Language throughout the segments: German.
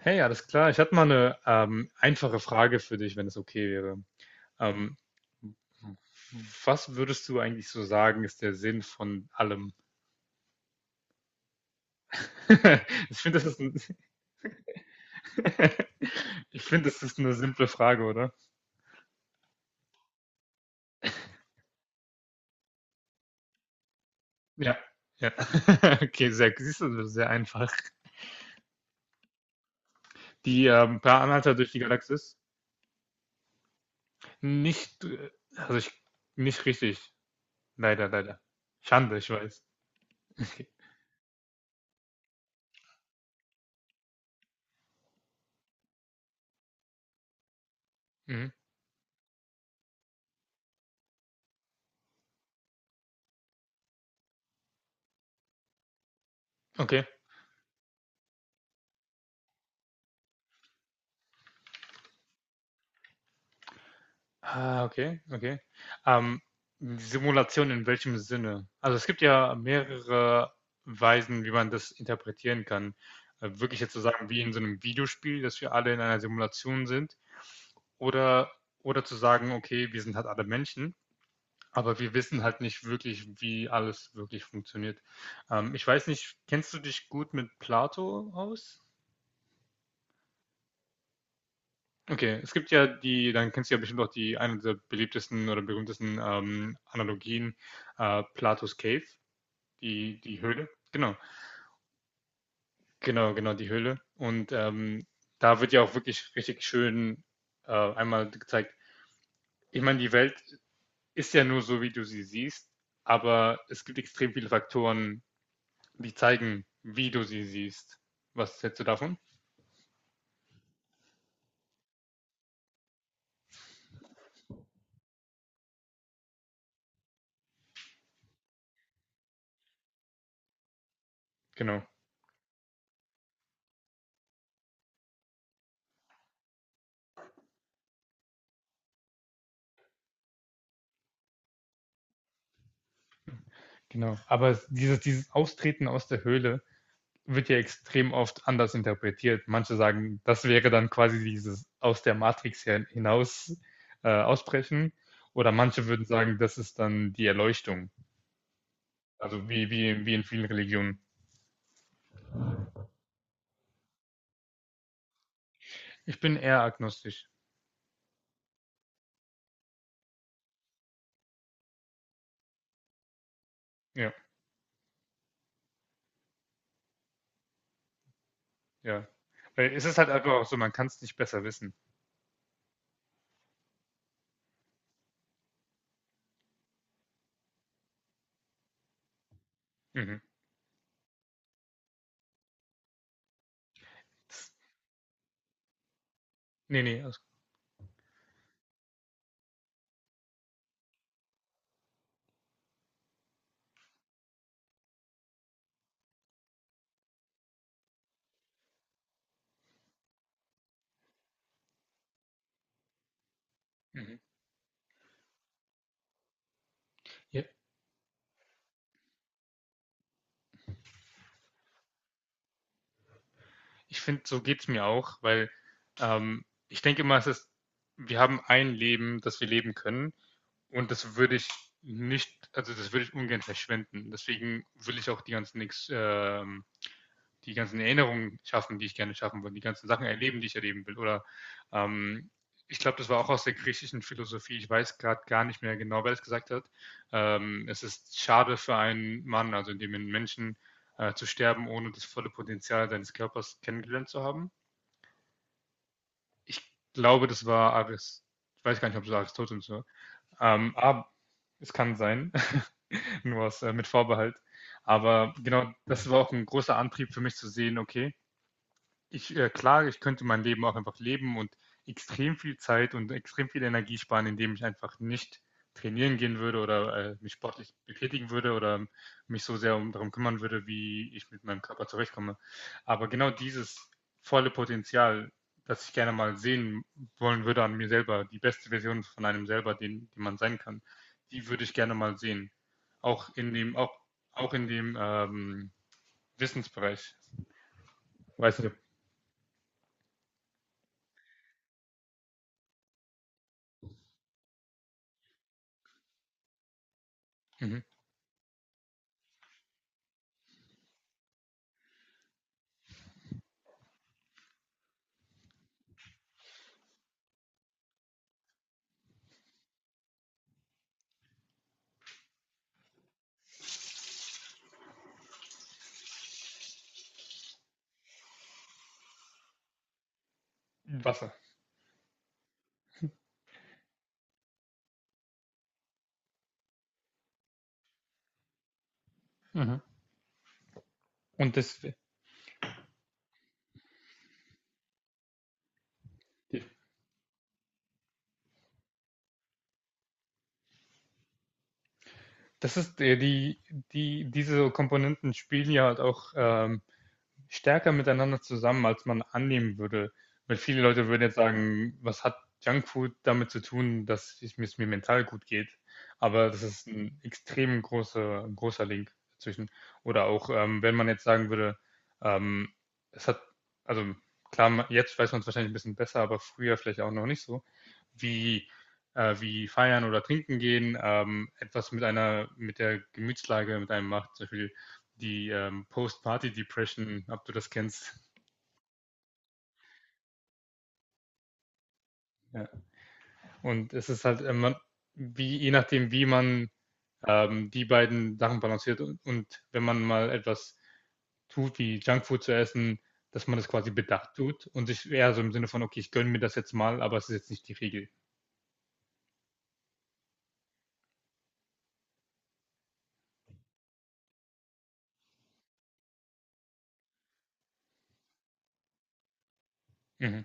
Hey, ja, alles klar. Ich hatte mal eine einfache Frage für dich, wenn es okay wäre. Ähm, was würdest du eigentlich so sagen, ist der Sinn von allem? Ich finde, das ist ein ich finde, das ist eine simple Frage, oder? Ja. Ja. Okay, sehr, siehst du, sehr einfach. Die Per Anhalter durch die Galaxis? Nicht, also ich, nicht richtig. Leider, leider. Schande, ich weiß. Mhm. Okay. Ah, okay, okay. Ähm, Simulation in welchem Sinne? Also es gibt ja mehrere Weisen, wie man das interpretieren kann. Wirklich jetzt zu sagen, wie in so einem Videospiel, dass wir alle in einer Simulation sind, oder, oder zu sagen, okay, wir sind halt alle Menschen, aber wir wissen halt nicht wirklich, wie alles wirklich funktioniert. Ich weiß nicht, kennst du dich gut mit Plato aus? Okay, es gibt ja die dann kennst du ja bestimmt auch die eine der beliebtesten oder berühmtesten, Analogien, Platos Cave, die die Höhle. Genau, genau, genau, die Höhle. Und, da wird ja auch wirklich richtig schön, einmal gezeigt, ich meine, die Welt ist ja nur so, wie du sie siehst, aber es gibt extrem viele Faktoren, die zeigen, wie du sie siehst. Was hältst du davon? Genau, genau. Aber es, dieses Austreten aus der Höhle wird ja extrem oft anders interpretiert. Manche sagen, das wäre dann quasi dieses aus der Matrix hinaus ausbrechen. Oder manche würden sagen, das ist dann die Erleuchtung. Also wie in vielen Religionen. Ich bin eher agnostisch. Ja, ja. Weil es ist halt einfach auch so, man kann es nicht besser wissen. Mhm. Das- Nee, nee. Also, mhm. Ja. Ich finde, so geht es mir auch, weil ich denke immer, es ist, wir haben ein Leben, das wir leben können. Und das würde ich nicht, also das würde ich ungern verschwenden. Deswegen will ich auch die ganzen, die ganzen Erinnerungen schaffen, die ich gerne schaffen will, die ganzen Sachen erleben, die ich erleben will. Oder ähm, ich glaube, das war auch aus der griechischen Philosophie. Ich weiß gerade gar nicht mehr genau, wer das gesagt hat. Es ist schade für einen Mann, also in dem einen Menschen zu sterben, ohne das volle Potenzial seines Körpers kennengelernt zu haben. Ich glaube, das war Aris. Ich weiß gar nicht, ob es Aristoteles war. Aber es kann sein. nur aus, mit Vorbehalt. Aber genau, das war auch ein großer Antrieb für mich zu sehen, okay, ich, klar, ich könnte mein Leben auch einfach leben und extrem viel Zeit und extrem viel Energie sparen, indem ich einfach nicht trainieren gehen würde oder mich sportlich betätigen würde oder mich so sehr um, darum kümmern würde, wie ich mit meinem Körper zurechtkomme. Aber genau dieses volle Potenzial, das ich gerne mal sehen wollen würde an mir selber, die beste Version von einem selber, den, die man sein kann, die würde ich gerne mal sehen. Auch in dem, auch, auch in dem Wissensbereich. Weiß nicht. Mhm. Wasser. Mhm. Und das, die- das ist die, die, diese Komponenten spielen ja halt auch stärker miteinander zusammen, als man annehmen würde. Weil viele Leute würden jetzt sagen, was hat Junkfood damit zu tun, dass es mir mental gut geht? Aber das ist ein extrem großer, großer Link dazwischen. Oder auch, wenn man jetzt sagen würde, ähm, es hat, also klar, jetzt weiß man es wahrscheinlich ein bisschen besser, aber früher vielleicht auch noch nicht so, wie wie feiern oder trinken gehen, etwas mit einer, mit der Gemütslage mit einem macht, zum Beispiel die Post-Party-Depression, ob du das kennst. Ja. Und es ist halt, man, wie, je nachdem, wie man die beiden Sachen balanciert und wenn man mal etwas tut, wie Junkfood zu essen, dass man das quasi bedacht tut und sich eher so im Sinne von, okay, ich gönne mir das jetzt mal, aber es ist jetzt nicht die Regel. Mhm.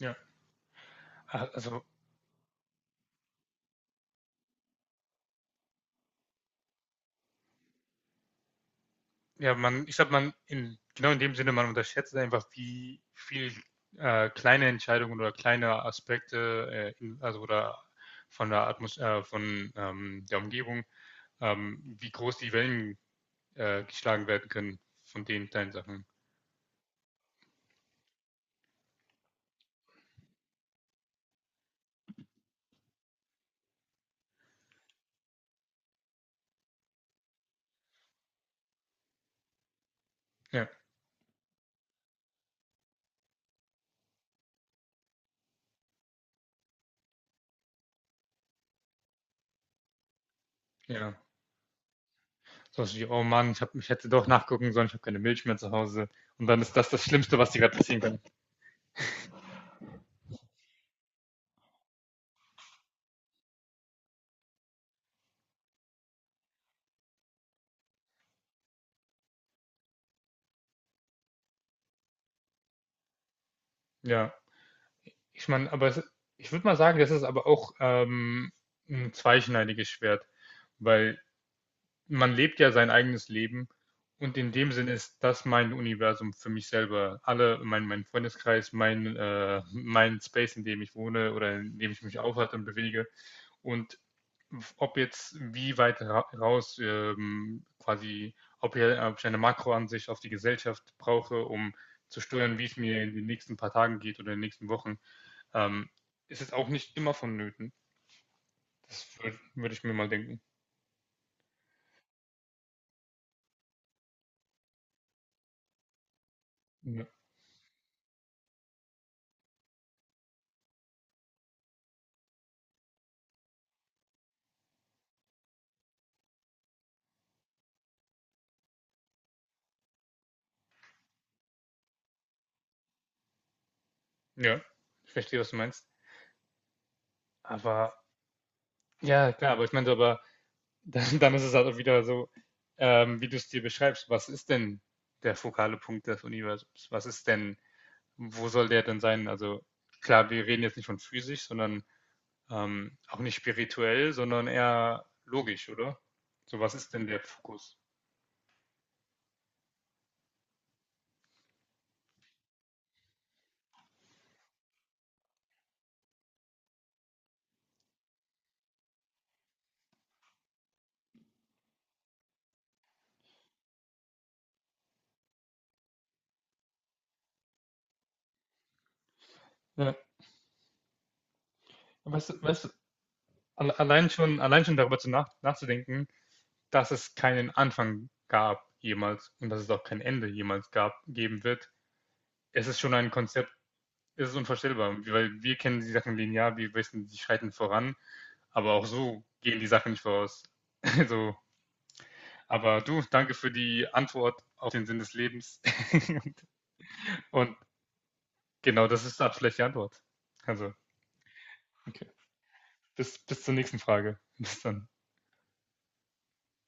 Ja. Also ja, man, ich glaube, man, in, genau in dem Sinne, man unterschätzt einfach, wie viel kleine Entscheidungen oder kleine Aspekte, in, also oder von der Atmos von der Umgebung, wie groß die Wellen geschlagen werden können von den kleinen Sachen. Ja, ja. So wie, oh Mann, ich, hab, ich hätte doch nachgucken sollen, ich habe keine Milch mehr zu Hause. Und dann ist das das Schlimmste, was dir gerade passieren kann. Ja, ich meine, aber es, ich würde mal sagen, das ist aber auch ein zweischneidiges Schwert, weil man lebt ja sein eigenes Leben und in dem Sinn ist das mein Universum für mich selber. Alle, mein Freundeskreis, mein, mein Space, in dem ich wohne oder in dem ich mich aufhalte und bewege. Und ob jetzt wie weit raus quasi, ob, hier, ob ich eine Makroansicht auf die Gesellschaft brauche, um zu steuern, wie es mir in den nächsten paar Tagen geht oder in den nächsten Wochen, ähm, ist es auch nicht immer vonnöten. Das würd ich mir mal denken. Ja, Ja, ich verstehe, was du meinst. Aber ja, klar, aber ich meinte, aber dann, dann ist es halt auch wieder so, wie du es dir beschreibst, was ist denn der fokale Punkt des Universums? Was ist denn, wo soll der denn sein? Also klar, wir reden jetzt nicht von physisch, sondern auch nicht spirituell, sondern eher logisch, oder? So, was ist denn der Fokus? Ja, weißt du, allein schon darüber zu nachzudenken, dass es keinen Anfang gab jemals und dass es auch kein Ende jemals gab, geben wird, es ist schon ein Konzept. Es ist unvorstellbar, weil wir kennen die Sachen linear, wir wissen, die schreiten voran, aber auch so gehen die Sachen nicht voraus. Also, aber du, danke für die Antwort auf den Sinn des Lebens. Und genau, das ist die abschlechte Antwort. Also, okay. Bis, bis zur nächsten Frage. Bis dann.